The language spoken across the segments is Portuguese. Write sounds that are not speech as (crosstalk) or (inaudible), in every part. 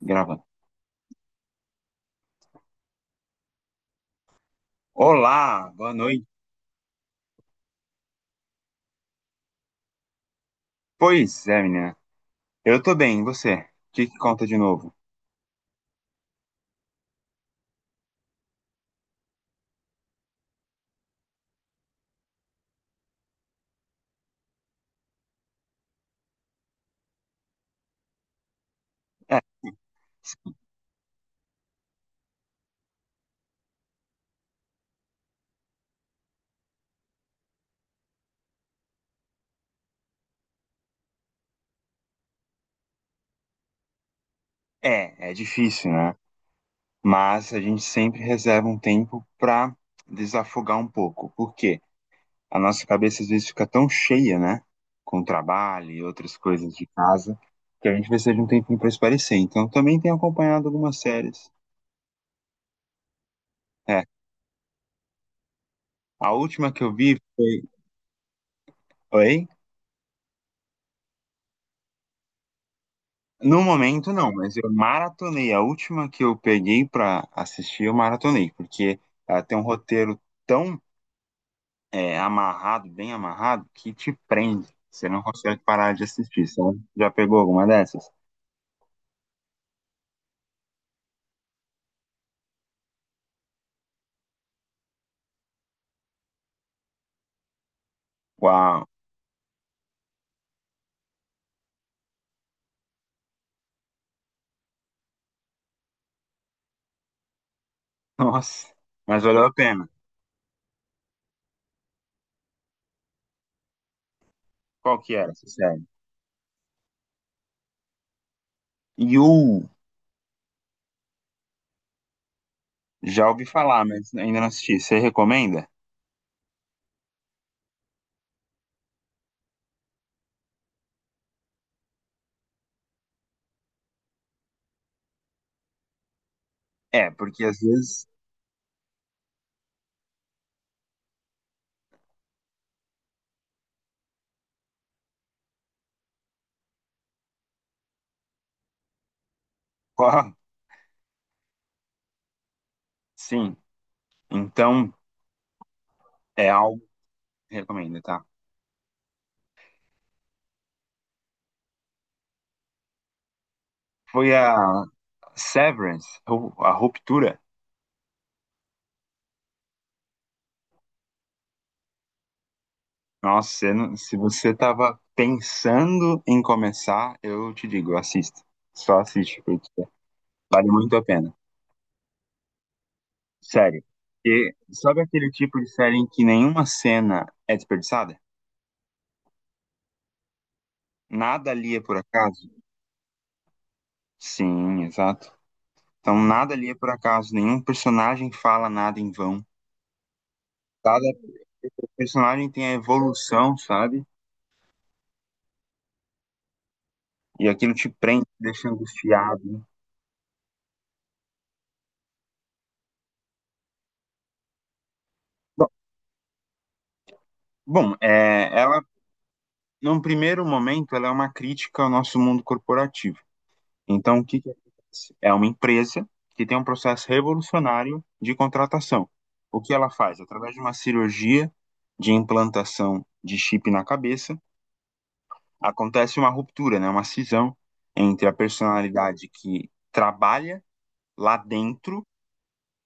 Gravando. Olá, boa noite. Pois é, menina. Eu tô bem, e você? O que que conta de novo? É, é difícil, né? Mas a gente sempre reserva um tempo pra desafogar um pouco. Por quê? A nossa cabeça às vezes fica tão cheia, né? Com trabalho e outras coisas de casa, que a gente precisa de um tempinho pra espairecer. Então, eu também tenho acompanhado algumas séries. É, a última que eu vi foi. Oi? No momento, não, mas eu maratonei. A última que eu peguei pra assistir, eu maratonei, porque ela tem um roteiro tão amarrado, bem amarrado, que te prende. Você não consegue parar de assistir, sabe? Já pegou alguma dessas? Uau! (laughs) Nossa! Mas valeu a pena. Qual que era essa série? You! Já ouvi falar, mas ainda não assisti. Você recomenda? É, porque às vezes. (laughs) Qual? Sim. Então, é algo que recomendo, tá? Foi a Severance, ou a Ruptura. Nossa, você não- se você tava pensando em começar, eu te digo, assista. Só assiste, porque vale muito a pena. Sério. E sabe aquele tipo de série em que nenhuma cena é desperdiçada? Nada ali é por acaso? Sim, exato. Então, nada ali é por acaso. Nenhum personagem fala nada em vão. Cada personagem tem a evolução, sabe? E aquilo te prende, te deixa angustiado. Bom, bom, num primeiro momento, ela é uma crítica ao nosso mundo corporativo. Então, o que que acontece? É uma empresa que tem um processo revolucionário de contratação. O que ela faz? Através de uma cirurgia de implantação de chip na cabeça, acontece uma ruptura, né? Uma cisão entre a personalidade que trabalha lá dentro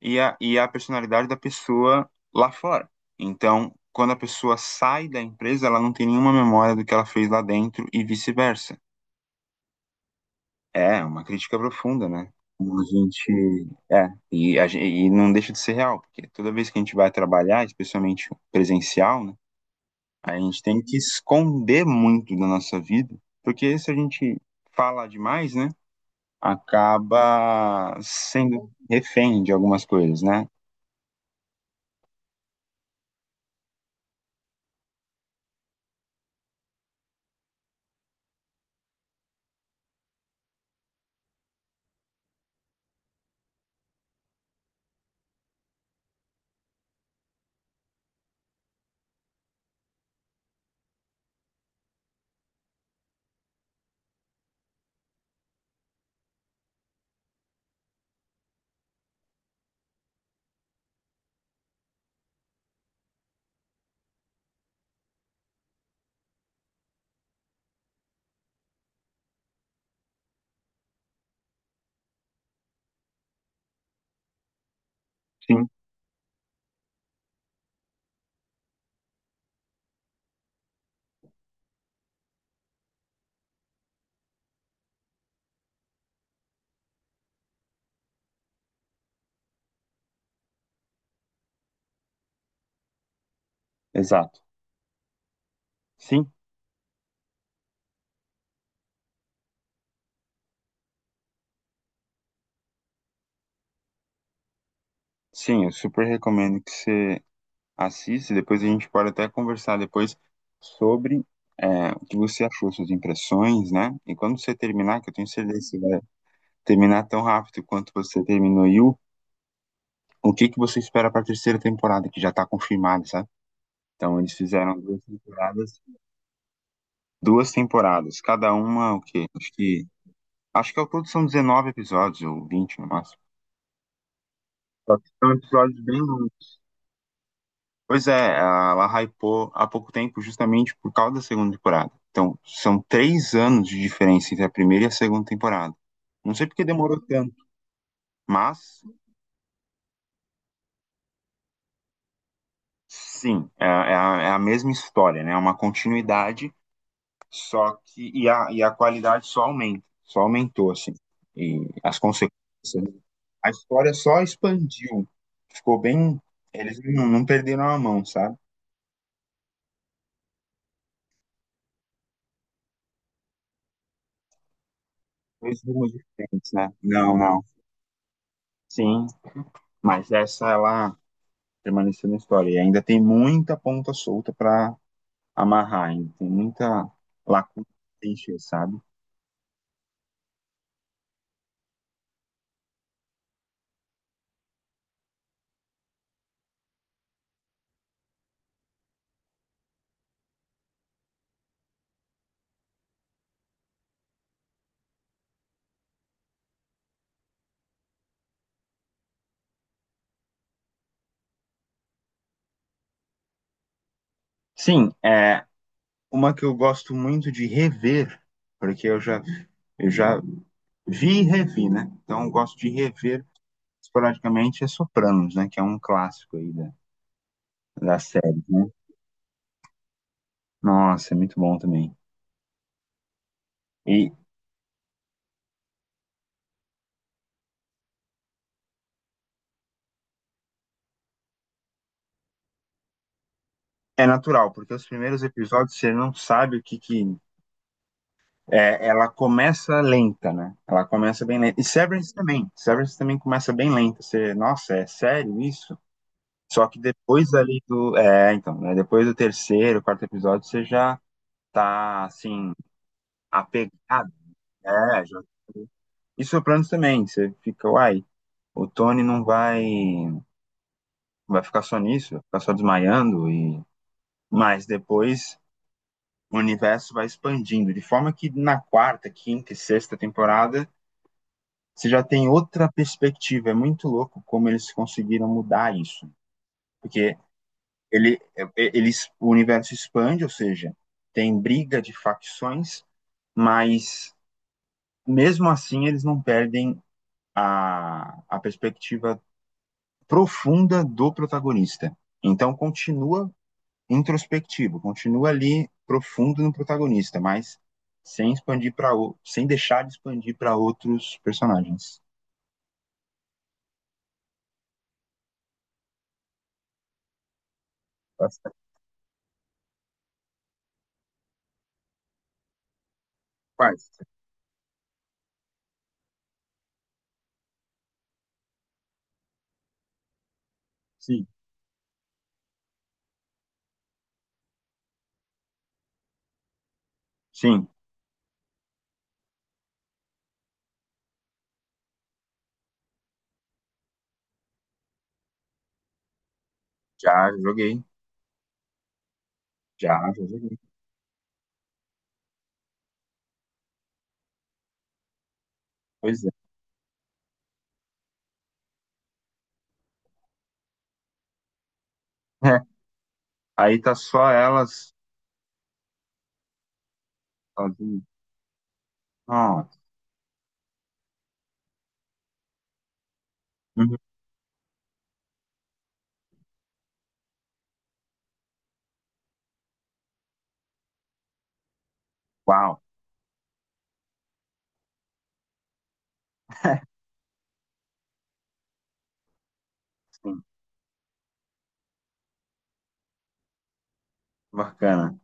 e a personalidade da pessoa lá fora. Então, quando a pessoa sai da empresa, ela não tem nenhuma memória do que ela fez lá dentro e vice-versa. É, é uma crítica profunda, né? Como a gente. É, e não deixa de ser real, porque toda vez que a gente vai trabalhar, especialmente presencial, né? A gente tem que esconder muito da nossa vida, porque se a gente fala demais, né? Acaba sendo refém de algumas coisas, né? Sim, exato. Sim, sim, eu super recomendo que você Assiste, depois a gente pode até conversar depois sobre o que você achou, suas impressões, né? E quando você terminar, que eu tenho certeza que você vai terminar tão rápido quanto você terminou e o que que você espera para a terceira temporada, que já está confirmada, sabe? Então eles fizeram duas temporadas, cada uma o quê? Acho que ao todo são 19 episódios ou 20 no máximo. Só que são episódios bem longos. Pois é, ela hypou há pouco tempo justamente por causa da segunda temporada. Então, são 3 anos de diferença entre a primeira e a segunda temporada. Não sei porque demorou tanto, mas sim, é a mesma história, né? É uma continuidade, só que. E a qualidade só aumenta, só aumentou, assim. E as consequências. Né? A história só expandiu. Ficou bem. Eles não perderam a mão, sabe? Dois rumos diferentes, né? Não, não. Sim, mas essa ela permanecer na história. E ainda tem muita ponta solta para amarrar, ainda tem muita lacuna pra encher, sabe? Sim, é uma que eu gosto muito de rever, porque eu já vi e revi, né? Então eu gosto de rever esporadicamente é Sopranos, né? Que é um clássico aí da série, né? Nossa, é muito bom também. E é natural, porque os primeiros episódios você não sabe que É, ela começa lenta, né? Ela começa bem lenta. E Severance também. Severance também começa bem lenta. Você, nossa, é sério isso? Só que depois ali do. É, então, né? Depois do terceiro, quarto episódio, você já tá, assim, apegado. É, já. Tá- E Sopranos também. Você fica, uai, o Tony não vai. Vai ficar só nisso, vai ficar só desmaiando. E Mas depois o universo vai expandindo. De forma que na quarta, quinta e sexta temporada você já tem outra perspectiva. É muito louco como eles conseguiram mudar isso. Porque ele, ele, o universo expande, ou seja, tem briga de facções, mas mesmo assim eles não perdem a perspectiva profunda do protagonista. Então continua introspectivo, continua ali profundo no protagonista, mas sem expandir para sem deixar de expandir para outros personagens. Quase. Sim. Sim, Já joguei, já joguei. Pois é. (laughs) Aí tá só elas sozinhas. Nossa. Uhum. Uau. Sim. Bacana.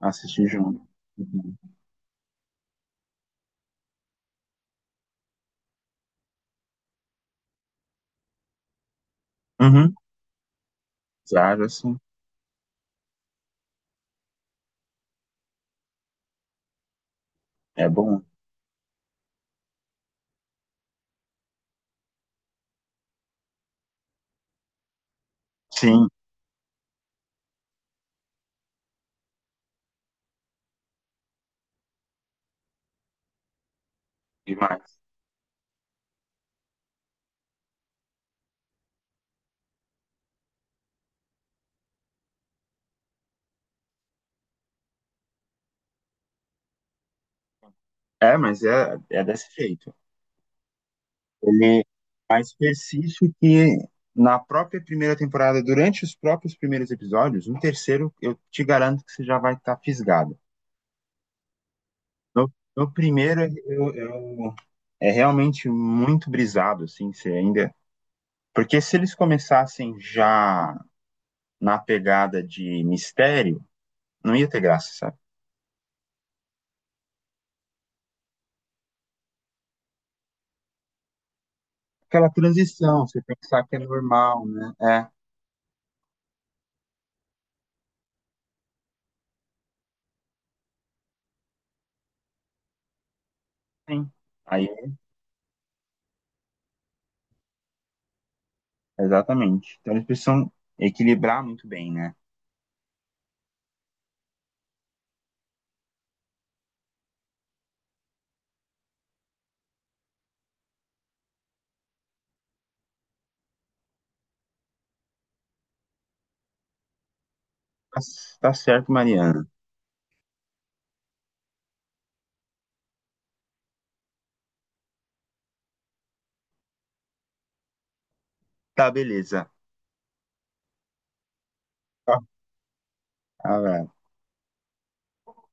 Assistir junto. Uhum. Uhum. Já, já sim. É bom. Sim, demais. Mas é desse jeito. Ele mas persiste que na própria primeira temporada, durante os próprios primeiros episódios, no terceiro, eu te garanto que você já vai estar fisgado. No, no primeiro, é realmente muito brisado, assim, se ainda. Porque se eles começassem já na pegada de mistério, não ia ter graça, sabe? Aquela transição, você pensar que é normal, né? É, sim. Aí, exatamente. Então eles precisam equilibrar muito bem, né? Tá, tá certo, Mariana. Tá, beleza. Tá. Abraço.